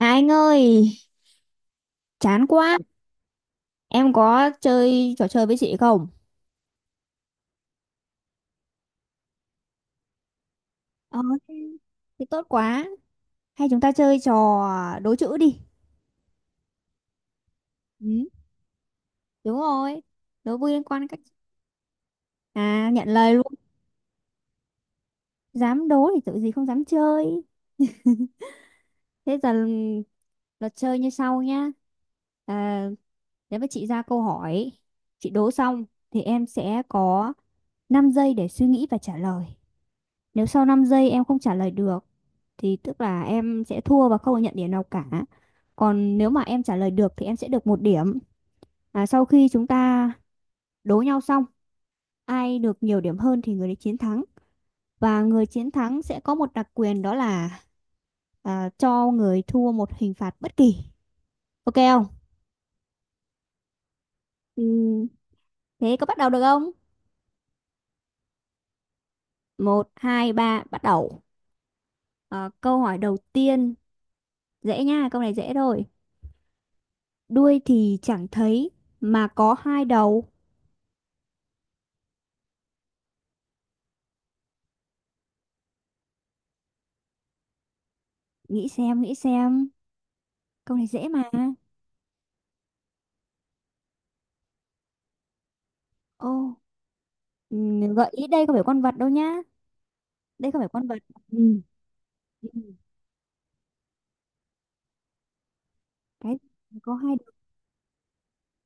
À, anh ơi, chán quá. Em có chơi trò chơi với chị không? Ờ, thế thì tốt quá. Hay chúng ta chơi trò đố chữ đi. Ừ, đúng rồi. Đố vui liên quan đến cách. À, nhận lời luôn. Dám đố thì tự gì không dám chơi. Thế giờ luật chơi như sau nhá. À, nếu mà chị ra câu hỏi, chị đố xong thì em sẽ có 5 giây để suy nghĩ và trả lời. Nếu sau 5 giây em không trả lời được thì tức là em sẽ thua và không được nhận điểm nào cả. Còn nếu mà em trả lời được thì em sẽ được 1 điểm. À, sau khi chúng ta đố nhau xong, ai được nhiều điểm hơn thì người đấy chiến thắng. Và người chiến thắng sẽ có một đặc quyền đó là cho người thua một hình phạt bất kỳ. Ok không? Ừ, thế có bắt đầu được không? Một, hai, ba, bắt đầu. Ờ, câu hỏi đầu tiên dễ nha, câu này dễ thôi. Đuôi thì chẳng thấy mà có hai đầu. Nghĩ xem, nghĩ xem. Câu này dễ mà. Ô, gợi ý đây không phải con vật đâu nhá. Đây không phải con vật. Ừ. Ừ. Cái gì có hai đầu?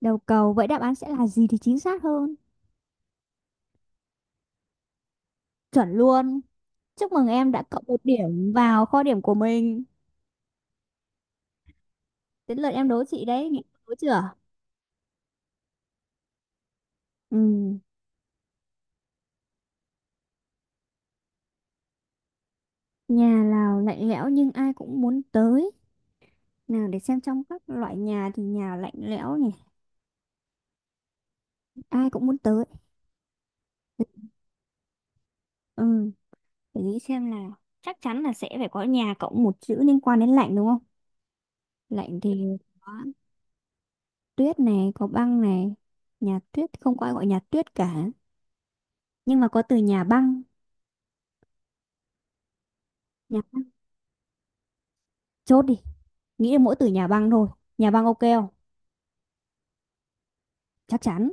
Đầu cầu. Vậy đáp án sẽ là gì thì chính xác hơn. Chuẩn luôn. Chúc mừng em đã cộng 1 điểm vào kho điểm của mình. Đến lượt em đố chị đấy. Nghĩ đố chưa? Ừ. Nhà Lào lạnh lẽo nhưng ai cũng muốn tới. Nào để xem trong các loại nhà thì nhà lạnh lẽo nhỉ. Ai cũng muốn tới. Ừ. Để nghĩ xem nào, chắc chắn là sẽ phải có nhà cộng một chữ liên quan đến lạnh đúng không. Lạnh thì có tuyết này, có băng này. Nhà tuyết thì không có ai gọi nhà tuyết cả, nhưng mà có từ nhà băng. nhà Chốt đi. Nghĩ là mỗi từ nhà băng thôi. Nhà băng ok không? Chắc chắn.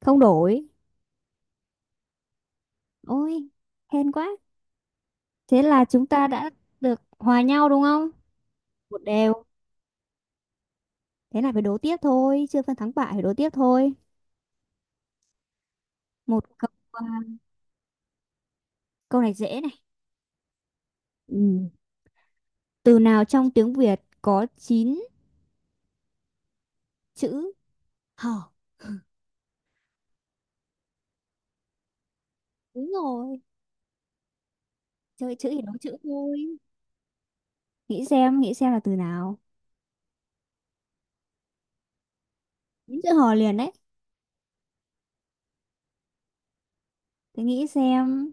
Không đổi. Ôi, hên quá. Thế là chúng ta đã được hòa nhau đúng không? 1 đều. Thế là phải đố tiếp thôi, chưa phân thắng bại phải đố tiếp thôi. Một câu, câu này dễ này. Ừ. Từ nào trong tiếng Việt có 9 chữ hò? Đúng rồi. Chơi chữ thì đố chữ thôi. Nghĩ xem, nghĩ xem là từ nào. Nghĩ chữ hò liền đấy. Thì nghĩ xem.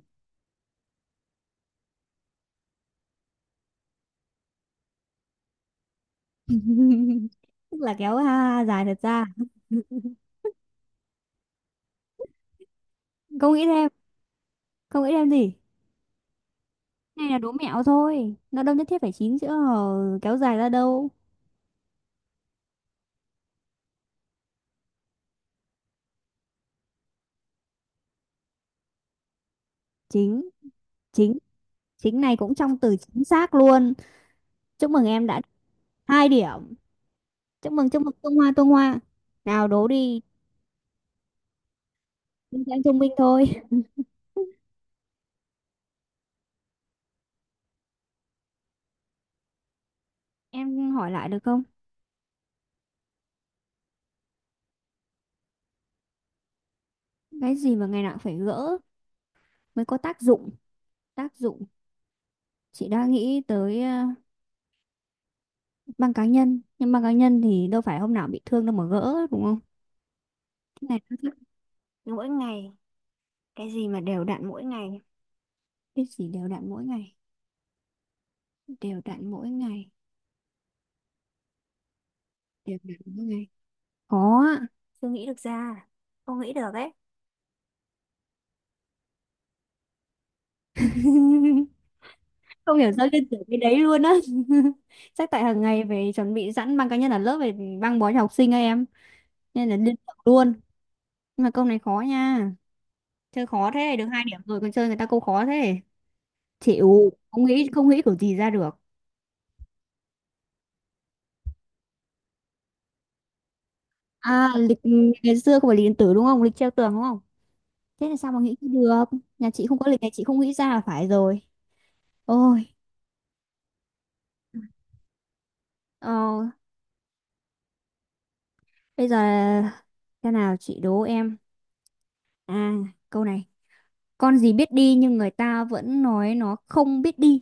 Tức là kéo ha dài thật ra. Không nghĩ thêm. Không nghĩ thêm gì. Này là đố mẹo thôi, nó đâu nhất thiết phải chín chữ hò kéo dài ra đâu. Chính, chính, chính này cũng trong từ chính xác luôn. Chúc mừng em đã 2 điểm. Chúc mừng chúc mừng tung hoa tung hoa. Nào đố đi. Nhưng em sẽ thông minh thôi. Em hỏi lại được không? Cái gì mà ngày nào cũng phải gỡ mới có tác dụng? Tác dụng. Chị đã nghĩ tới băng cá nhân nhưng băng cá nhân thì đâu phải hôm nào bị thương đâu mà gỡ đúng không. Cái này nó rất- Mỗi ngày. Cái gì mà đều đặn mỗi ngày? Cái gì đều đặn mỗi ngày? Đều đặn mỗi ngày. Đều đặn mỗi ngày. Khó ạ. Chưa nghĩ được ra. Không nghĩ được ấy. Không hiểu sao liên tưởng cái đấy luôn á. Chắc tại hàng ngày về chuẩn bị sẵn băng cá nhân ở lớp về băng bó cho học sinh ấy em, nên là liên tưởng luôn. Nhưng mà câu này khó nha. Chơi khó thế, được 2 điểm rồi còn chơi người ta câu khó thế. Chịu, không nghĩ kiểu gì ra được. À, lịch. Ngày xưa không phải lịch điện tử đúng không, lịch treo tường đúng không. Thế là sao mà nghĩ được. Nhà chị không có lịch này, chị không nghĩ ra là phải rồi. Ôi. Ờ, bây giờ. Thế nào, chị đố em. À, câu này. Con gì biết đi nhưng người ta vẫn nói nó không biết đi?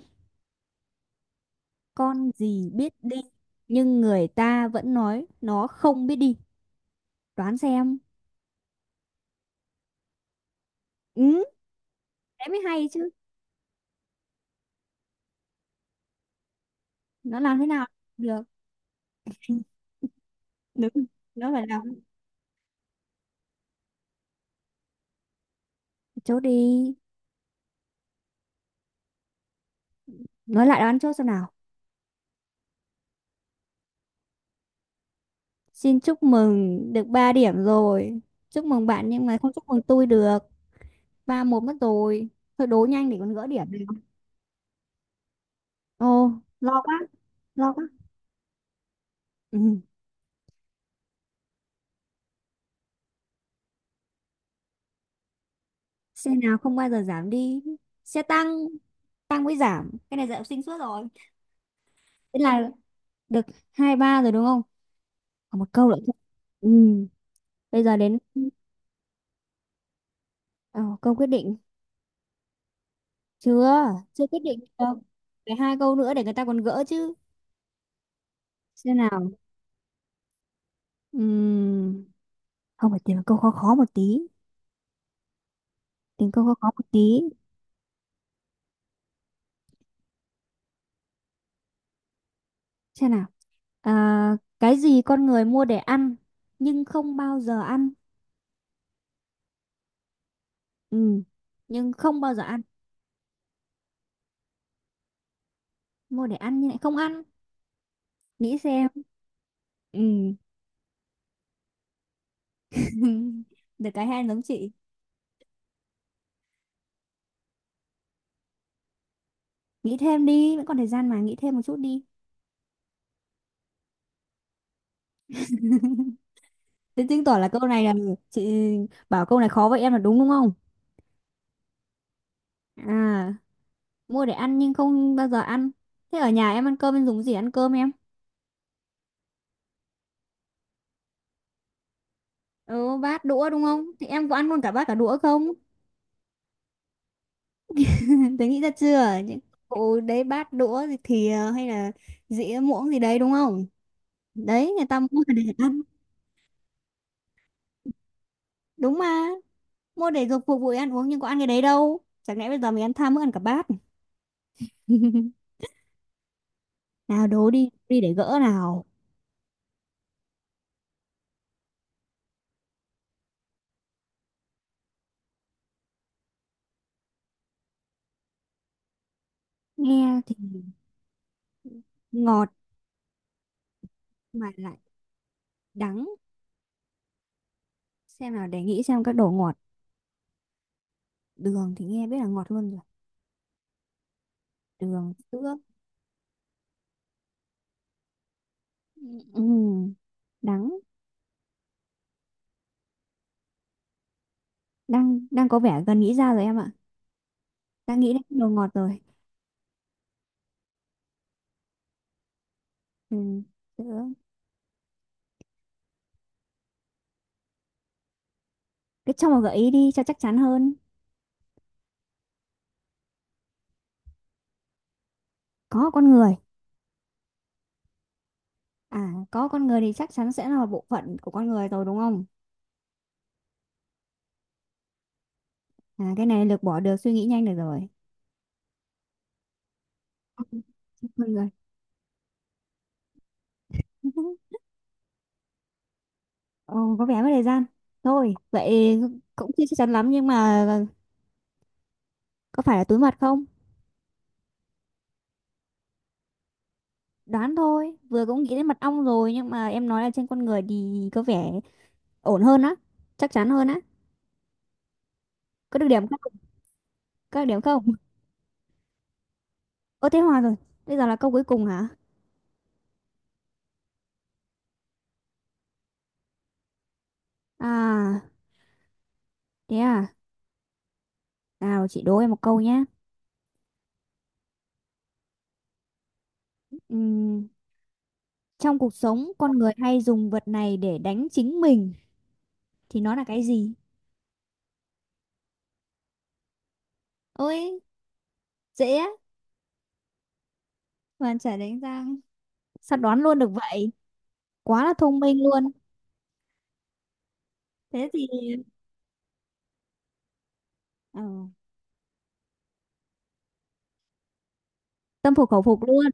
Con gì biết đi nhưng người ta vẫn nói nó không biết đi? Đoán xem. Ừ. Thế mới hay chứ. Nó làm thế nào được. Đúng. Nó phải làm. Chốt đi. Nói lại đoán chốt xem nào. Xin chúc mừng được 3 điểm rồi. Chúc mừng bạn nhưng mà không chúc mừng tôi được. 3-1 mất rồi. Thôi đố nhanh để còn gỡ điểm được. Ồ, lo quá. Lo quá. Ừ. Xe nào không bao giờ giảm đi? Xe tăng. Tăng mới giảm. Cái này dạy học sinh suốt rồi. Thế là được 2-3 rồi đúng không? Còn một câu nữa thôi. Ừ. Bây giờ đến ờ, câu quyết định. Chưa. Chưa quyết định được. Phải hai câu nữa để người ta còn gỡ chứ. Xem nào. Ừm, Không phải tìm một câu khó khó một tí, tìm câu khó khó một tí. Xem nào. À, cái gì con người mua để ăn nhưng không bao giờ ăn? Ừm, nhưng không bao giờ ăn. Mua để ăn nhưng lại không ăn. Nghĩ xem. Ừm, Được cái hay giống chị. Nghĩ thêm đi, vẫn còn thời gian mà, nghĩ thêm một chút đi. Thế chứng tỏ là câu này là chị bảo câu này khó vậy em là đúng, đúng không. À, mua để ăn nhưng không bao giờ ăn. Thế ở nhà em ăn cơm em dùng cái gì ăn cơm em? Ừ, bát đũa đúng không? Thì em có ăn luôn cả bát cả đũa không? Tớ nghĩ ra chưa? Những cụ đấy bát đũa thì thìa hay là dĩa muỗng gì đấy đúng không? Đấy người ta mua để ăn. Đúng mà. Mua để dùng phục vụ ăn uống nhưng có ăn cái đấy đâu. Chẳng lẽ bây giờ mình ăn tham mới ăn cả bát. Nào đố đi, đi để gỡ nào. Nghe thì ngọt mà lại đắng. Xem nào để nghĩ xem các đồ ngọt. Đường thì nghe biết là ngọt luôn rồi. Đường, sữa. Ừ, đắng. Đang đang có vẻ gần nghĩ ra rồi em ạ. Đang nghĩ đến đồ ngọt rồi. Ừ. Được. Cứ cho một gợi ý đi cho chắc chắn hơn. Có con người. À, có con người thì chắc chắn sẽ là một bộ phận của con người rồi đúng không. À, cái này lược bỏ được suy nghĩ nhanh được rồi. Ừ, con người. Ồ, có vẻ mất thời gian, thôi vậy. Cũng chưa chắc chắn lắm nhưng mà có phải là túi mật không? Đoán thôi, vừa cũng nghĩ đến mật ong rồi nhưng mà em nói là trên con người thì có vẻ ổn hơn á. Chắc chắn hơn á. Có được điểm không? Có được điểm không? Ơ thế hòa rồi, bây giờ là câu cuối cùng hả? À, thế à, nào chị đố em một câu nhé. Ừm, Trong cuộc sống con người hay dùng vật này để đánh chính mình thì nó là cái gì? Ôi, dễ á, mà trả đánh răng. Sao đoán luôn được vậy? Quá là thông minh luôn. Thế thì ờ, tâm phục khẩu phục luôn.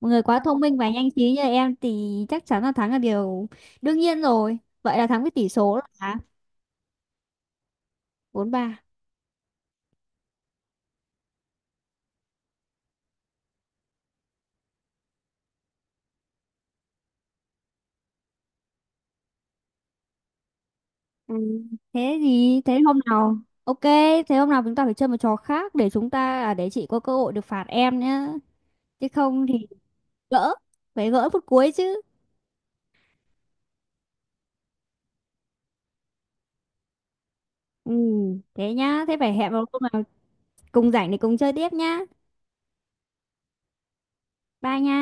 Một người quá thông minh và nhanh trí như em thì chắc chắn là thắng là điều đương nhiên rồi. Vậy là thắng với tỷ số là 4-3. Ừ, thế thì thế hôm nào ok, thế hôm nào chúng ta phải chơi một trò khác để chúng ta để chị có cơ hội được phạt em nhá. Chứ không thì gỡ, phải gỡ phút cuối chứ. Ừ, thế nhá, thế phải hẹn vào hôm nào cùng rảnh để cùng chơi tiếp nhá. Bye nha.